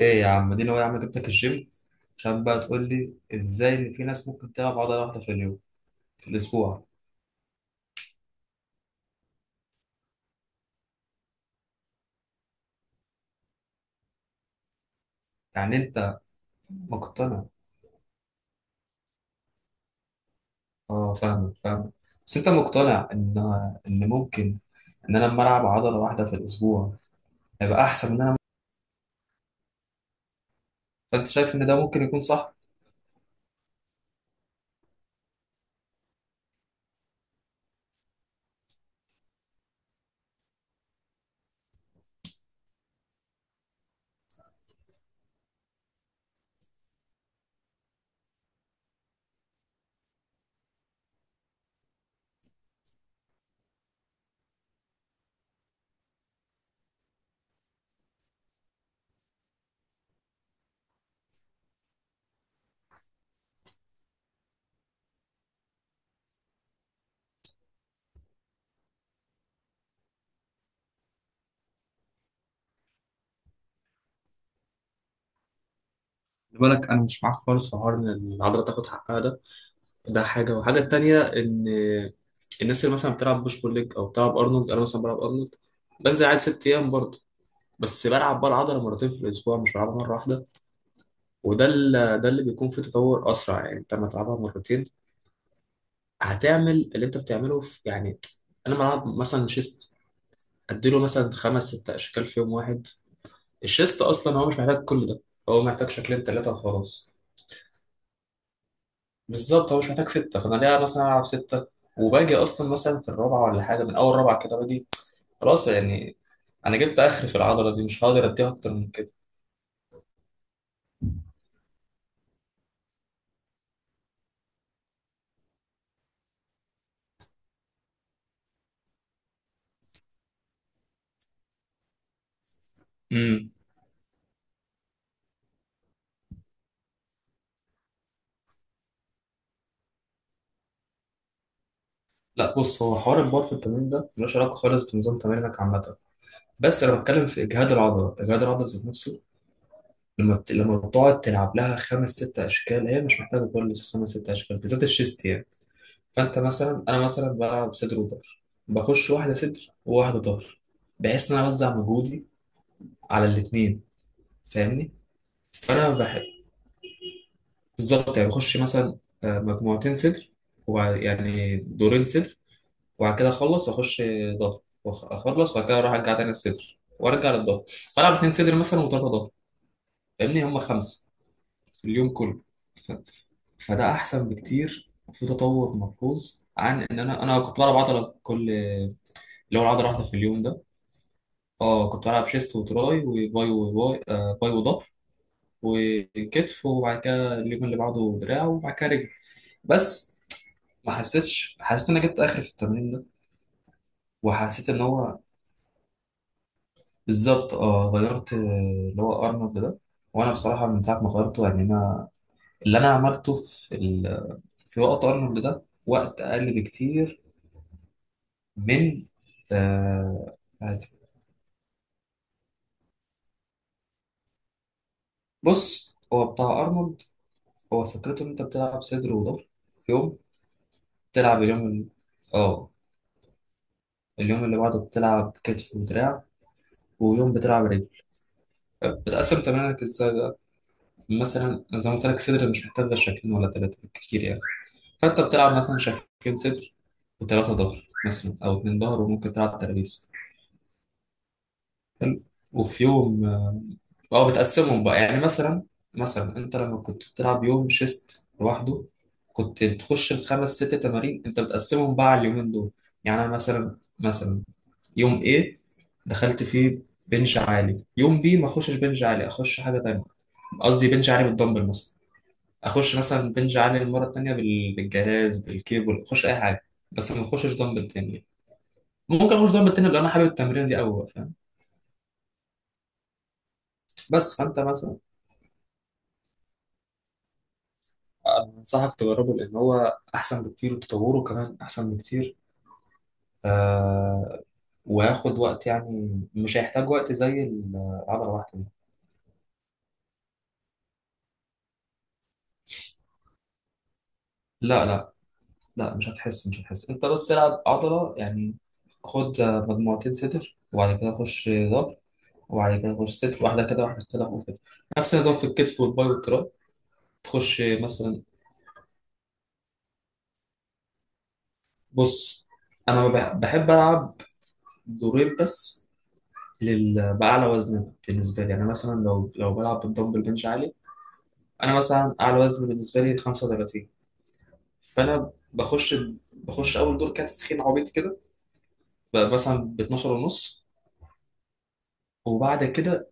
ايه يا عم؟ دي هو يا عم جبتك الجيم عشان بقى تقول لي ازاي ان في ناس ممكن تلعب عضله واحده في اليوم، في الاسبوع؟ يعني انت مقتنع. اه، فاهمك فاهمك. بس انت مقتنع ان ممكن ان انا لما العب عضله واحده في الاسبوع هيبقى احسن من انا؟ فانت شايف ان ده ممكن يكون صح؟ خلي بالك، انا مش معاك خالص في حوار ان العضله تاخد حقها ده حاجه، والحاجه التانيه ان الناس اللي مثلا بتلعب بوش بول ليج او بتلعب ارنولد، انا مثلا بلعب ارنولد، بنزل عادي ست ايام برضه، بس بلعب بقى العضله مرتين في الاسبوع، مش بلعبها مره واحده. وده اللي بيكون فيه تطور اسرع. يعني انت لما تلعبها مرتين هتعمل اللي انت بتعمله في، يعني، انا بلعب مثلا شيست، اديله مثلا خمس ست اشكال في يوم واحد. الشيست اصلا هو مش محتاج كل ده، هو محتاج شكلين ثلاثه وخلاص. بالظبط، هو مش محتاج سته، فانا ليه مثلا العب سته؟ وباجي اصلا مثلا في الرابعه ولا حاجه، من اول رابعه كده باجي خلاص يعني. انا جبت اخر في العضله دي، مش هقدر اديها اكتر من كده. لا، بص، هو حوار البار في التمرين ده ملوش علاقه خالص بنظام تمرينك عامه. بس انا بتكلم في اجهاد العضله، اجهاد العضله ذات نفسه. لما بتقعد تلعب لها خمس ست اشكال، هي مش محتاجه كل خمس ست اشكال، بالذات الشيست يعني. فانت مثلا، انا مثلا بلعب صدر وظهر، بخش واحده صدر وواحده ظهر، بحيث ان انا اوزع مجهودي على الاثنين. فاهمني؟ فانا بحب، بالظبط، يعني بخش مثلا مجموعتين صدر، وبعد، يعني، دورين صدر. وبعد كده اخلص واخش ضغط، اخلص وبعد كده اروح ارجع تاني الصدر وارجع للضغط، فالعب اتنين صدر مثلا وثلاثه ضغط. فاهمني؟ هم خمسه في اليوم كله. ف... فده احسن بكتير وفي تطور ملحوظ عن ان انا كنت بلعب عضله، كل اللي هو العضله واحده في اليوم ده. اه، كنت بلعب شيست وتراي وباي وباي آه باي وظهر وكتف، وبعد كده اليوم اللي بعده دراع، وبعد كده رجل. بس ما حسيتش، حسيت ان انا جبت اخر في التمرين ده. وحسيت ان هو بالظبط. اه، غيرت، اللي هو ارنولد ده. وانا بصراحه من ساعه ما غيرته، يعني انا اللي انا عملته في وقت ارنولد ده وقت اقل بكتير من آه... عادي. بص، هو بتاع ارنولد هو فكرته ان انت بتلعب صدر وظهر في يوم، بتلعب اليوم ال... اه اليوم اللي بعده بتلعب كتف ودراع، ويوم بتلعب رجل. بتقسم تمارينك ازاي بقى؟ مثلا زي ما قلت لك، صدر مش محتاج غير شكلين ولا ثلاثه كتير يعني. فانت بتلعب مثلا شكلين صدر وثلاثه ظهر، مثلا، او اتنين ظهر، وممكن تلعب ترابيز. حلو. وفي يوم او بتقسمهم بقى، يعني مثلا، مثلا انت لما كنت بتلعب يوم شيست لوحده، كنت تخش الخمس ست تمارين، انت بتقسمهم بقى على اليومين دول. يعني انا مثلا مثلا يوم A دخلت فيه بنش عالي، يوم B ما اخشش بنش عالي، اخش حاجه تانية. قصدي بنش عالي بالدمبل مثلا، اخش مثلا بنج عالي المره التانيه بالجهاز، بالكيبل، اخش اي حاجه، بس ما اخشش دمبل تاني. ممكن اخش دمبل تاني لو انا حابب التمرين دي قوي. فاهم؟ بس فانت مثلا، أنا انصحك تجربه لان هو احسن بكتير وتطوره كمان احسن بكتير. آه، وياخد وقت، يعني مش هيحتاج وقت زي العضله واحده دي. لا لا، لا مش هتحس، مش هتحس. انت بس العب عضله يعني، خد مجموعتين صدر وبعد كده خش ظهر، وبعد كده غرفة صدر واحدة كده واحدة كده واحدة كده. نفس النظام في الكتف والباي والتراي. تخش مثلا، بص، أنا ما بح- بحب ألعب دورين بس، بأعلى وزن بالنسبة لي. أنا مثلا لو بلعب بالدمبل بنش عالي، أنا مثلا أعلى وزن بالنسبة لي 35. فأنا بخش، بخش أول دور كده تسخين عبيط كده، بقى مثلا ب 12 ونص. وبعد كده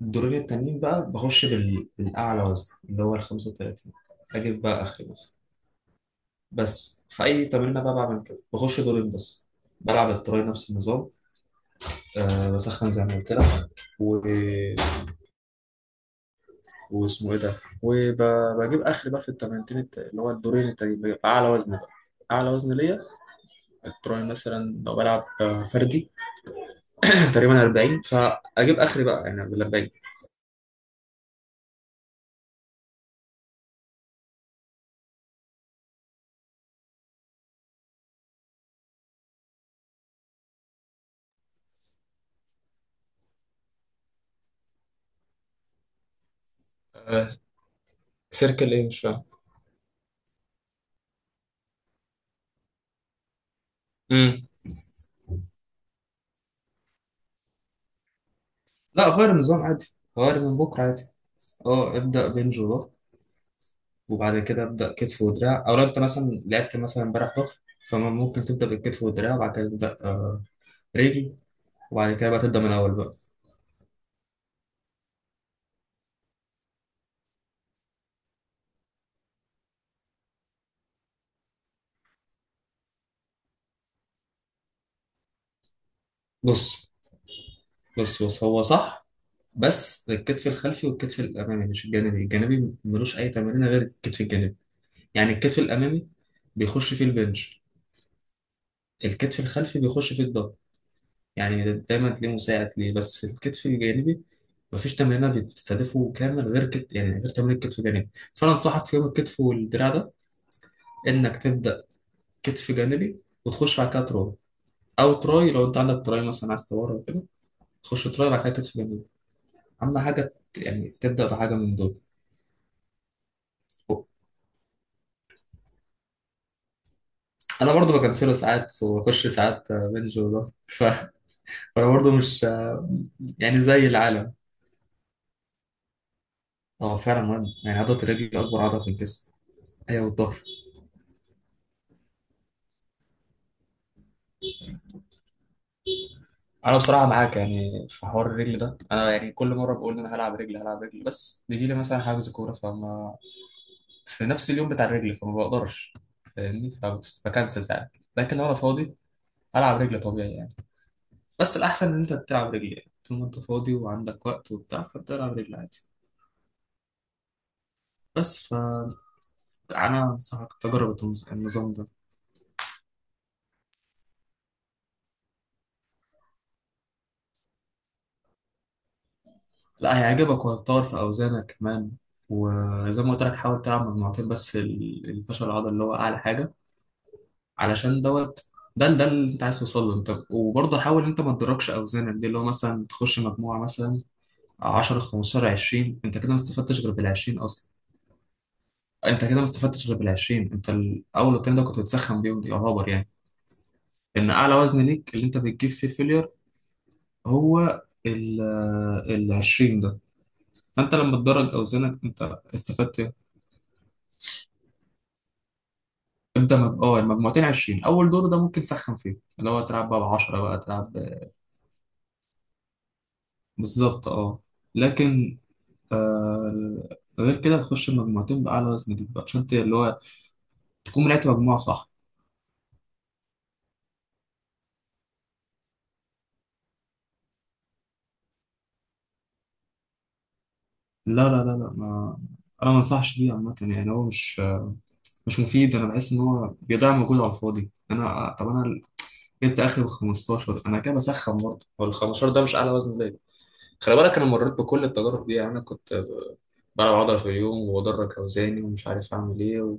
الدورين التانيين بقى بخش بالأعلى وزن اللي هو ال 35، أجيب بقى آخري مثلا. بس في اي تمرين بقى بعمل كده، بخش دورين بس. بلعب التراي نفس النظام. أه، بسخن زي ما قلت لك و... واسمه ايه ده، وبجيب اخر بقى في التمرينتين اللي هو الدورين التانيين بيبقى اعلى وزن بقى، اعلى وزن ليا. التراي مثلا لو بلعب فردي تقريبا 40، فاجيب اخري بقى يعني بال 40. آه، سيركل ايه؟ مش فاهم. امم لا، غير النظام عادي، غير من بكره عادي. اه، ابدا بنج وبعد كده ابدا كتف ودراع، او لو انت مثلا لعبت مثلا امبارح ظهر، فممكن تبدا بالكتف والدراع وبعد كده تبدا رجل، وبعد كده بقى تبدا من الاول بقى. بص بص بص، هو صح، بس الكتف الخلفي والكتف الامامي، مش الجانبي، الجانبي ملوش اي تمرين غير الكتف الجانبي. يعني الكتف الامامي بيخش فيه البنش، الكتف الخلفي بيخش فيه الظهر، يعني دايما تلاقيه مساعد ليه. بس الكتف الجانبي مفيش تمرينة بتستهدفه كامل غير يعني غير تمرين الكتف الجانبي. فانا انصحك في يوم الكتف والدراع ده انك تبدا كتف جانبي وتخش بعد كده تراي، او تراي لو انت عندك تراي مثلا عايز تورم وكده، تخش تراي بعد كده كتف جانبي. اهم حاجه يعني تبدا بحاجه من دول. انا برضو بكنسله ساعات واخش ساعات بنج، وده فانا برضو مش يعني زي العالم. هو فعلا مهم، يعني عضله الرجل اكبر عضله في الجسم، هي والظهر. انا بصراحه معاك، يعني في حوار الرجل ده انا يعني كل مره بقول ان انا هلعب رجل هلعب رجل، بس بيجي لي مثلا حاجز كوره فما في نفس اليوم بتاع الرجل، فما بقدرش. فاهمني؟ بكنسل ساعات. لكن لو انا فاضي، العب رجل طبيعي يعني. بس الاحسن ان انت تلعب رجل، يعني طول ما انت فاضي وعندك وقت وبتاع، فبتلعب رجل عادي. بس فانا انصحك تجرب النظام ده. لا، هيعجبك وهتطور في اوزانك كمان. وزي ما قلت لك حاول تلعب مجموعتين بس الفشل العضلي اللي هو اعلى حاجه. علشان دوت، ده اللي انت عايز توصل له. انت وبرضه حاول انت ما تدركش اوزانك دي، اللي هو مثلا تخش مجموعه مثلا 10، 15، 20، انت كده ما استفدتش غير بال 20 اصلا. انت كده ما استفدتش غير بال 20، انت الاول والتاني ده كنت بتسخن بيهم يعتبر يعني. ان اعلى وزن ليك اللي انت بتجيب فيه فيلير هو ال 20 ده. فانت لما تدرج اوزانك انت استفدت ايه؟ ابدا اه، المجموعتين 20. اول دور ده ممكن تسخن فيه، اللي هو تلعب بقى ب 10، بقى تلعب بالظبط اه، لكن آه غير كده، تخش المجموعتين باعلى وزن ليك بقى، عشان اللي هو تكون لعبت مجموعه صح. لا لا لا، لا ما انا ما انصحش بيه عامه، يعني هو مش مفيد. انا بحس ان هو بيضيع مجهود على الفاضي. انا طب انا جبت اخري بال 15، انا كده بسخن برضه، هو ال 15 ده مش اعلى وزن ليا. خلي بالك، انا مريت بكل التجارب دي، يعني انا كنت بلعب عضله في اليوم وبدرج اوزاني ومش عارف اعمل ايه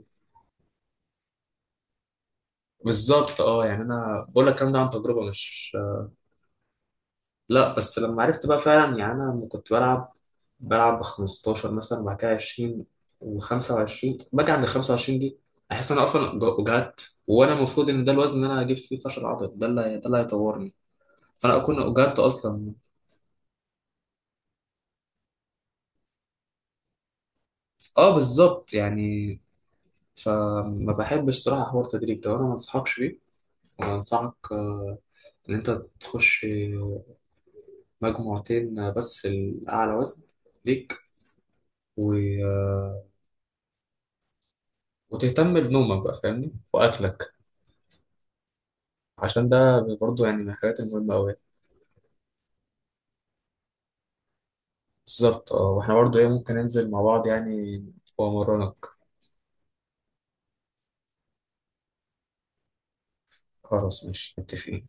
بالظبط اه. يعني انا بقول لك الكلام ده عن تجربه، مش لا، بس لما عرفت بقى فعلا، يعني انا لما كنت بلعب، بلعب ب 15 مثلا وبعد كده 20 و25، باجي عند 25 دي احس ان انا اصلا وجعت. وانا المفروض ان ده الوزن اللي انا هجيب فيه فشل عضلي، ده اللي هيطورني، فانا اكون وجعت اصلا. اه بالظبط. يعني فما بحبش صراحه حوار تدريب ده، وانا ما انصحكش بيه. وانصحك ان انت تخش مجموعتين بس الاعلى وزن ليك و... وتهتم بنومك بقى، فاهمني، واكلك، عشان ده برضه يعني من الحاجات المهمة أوي. بالظبط اه، واحنا برضه ايه ممكن ننزل مع بعض يعني، وأمرنك. خلاص، ماشي، متفقين.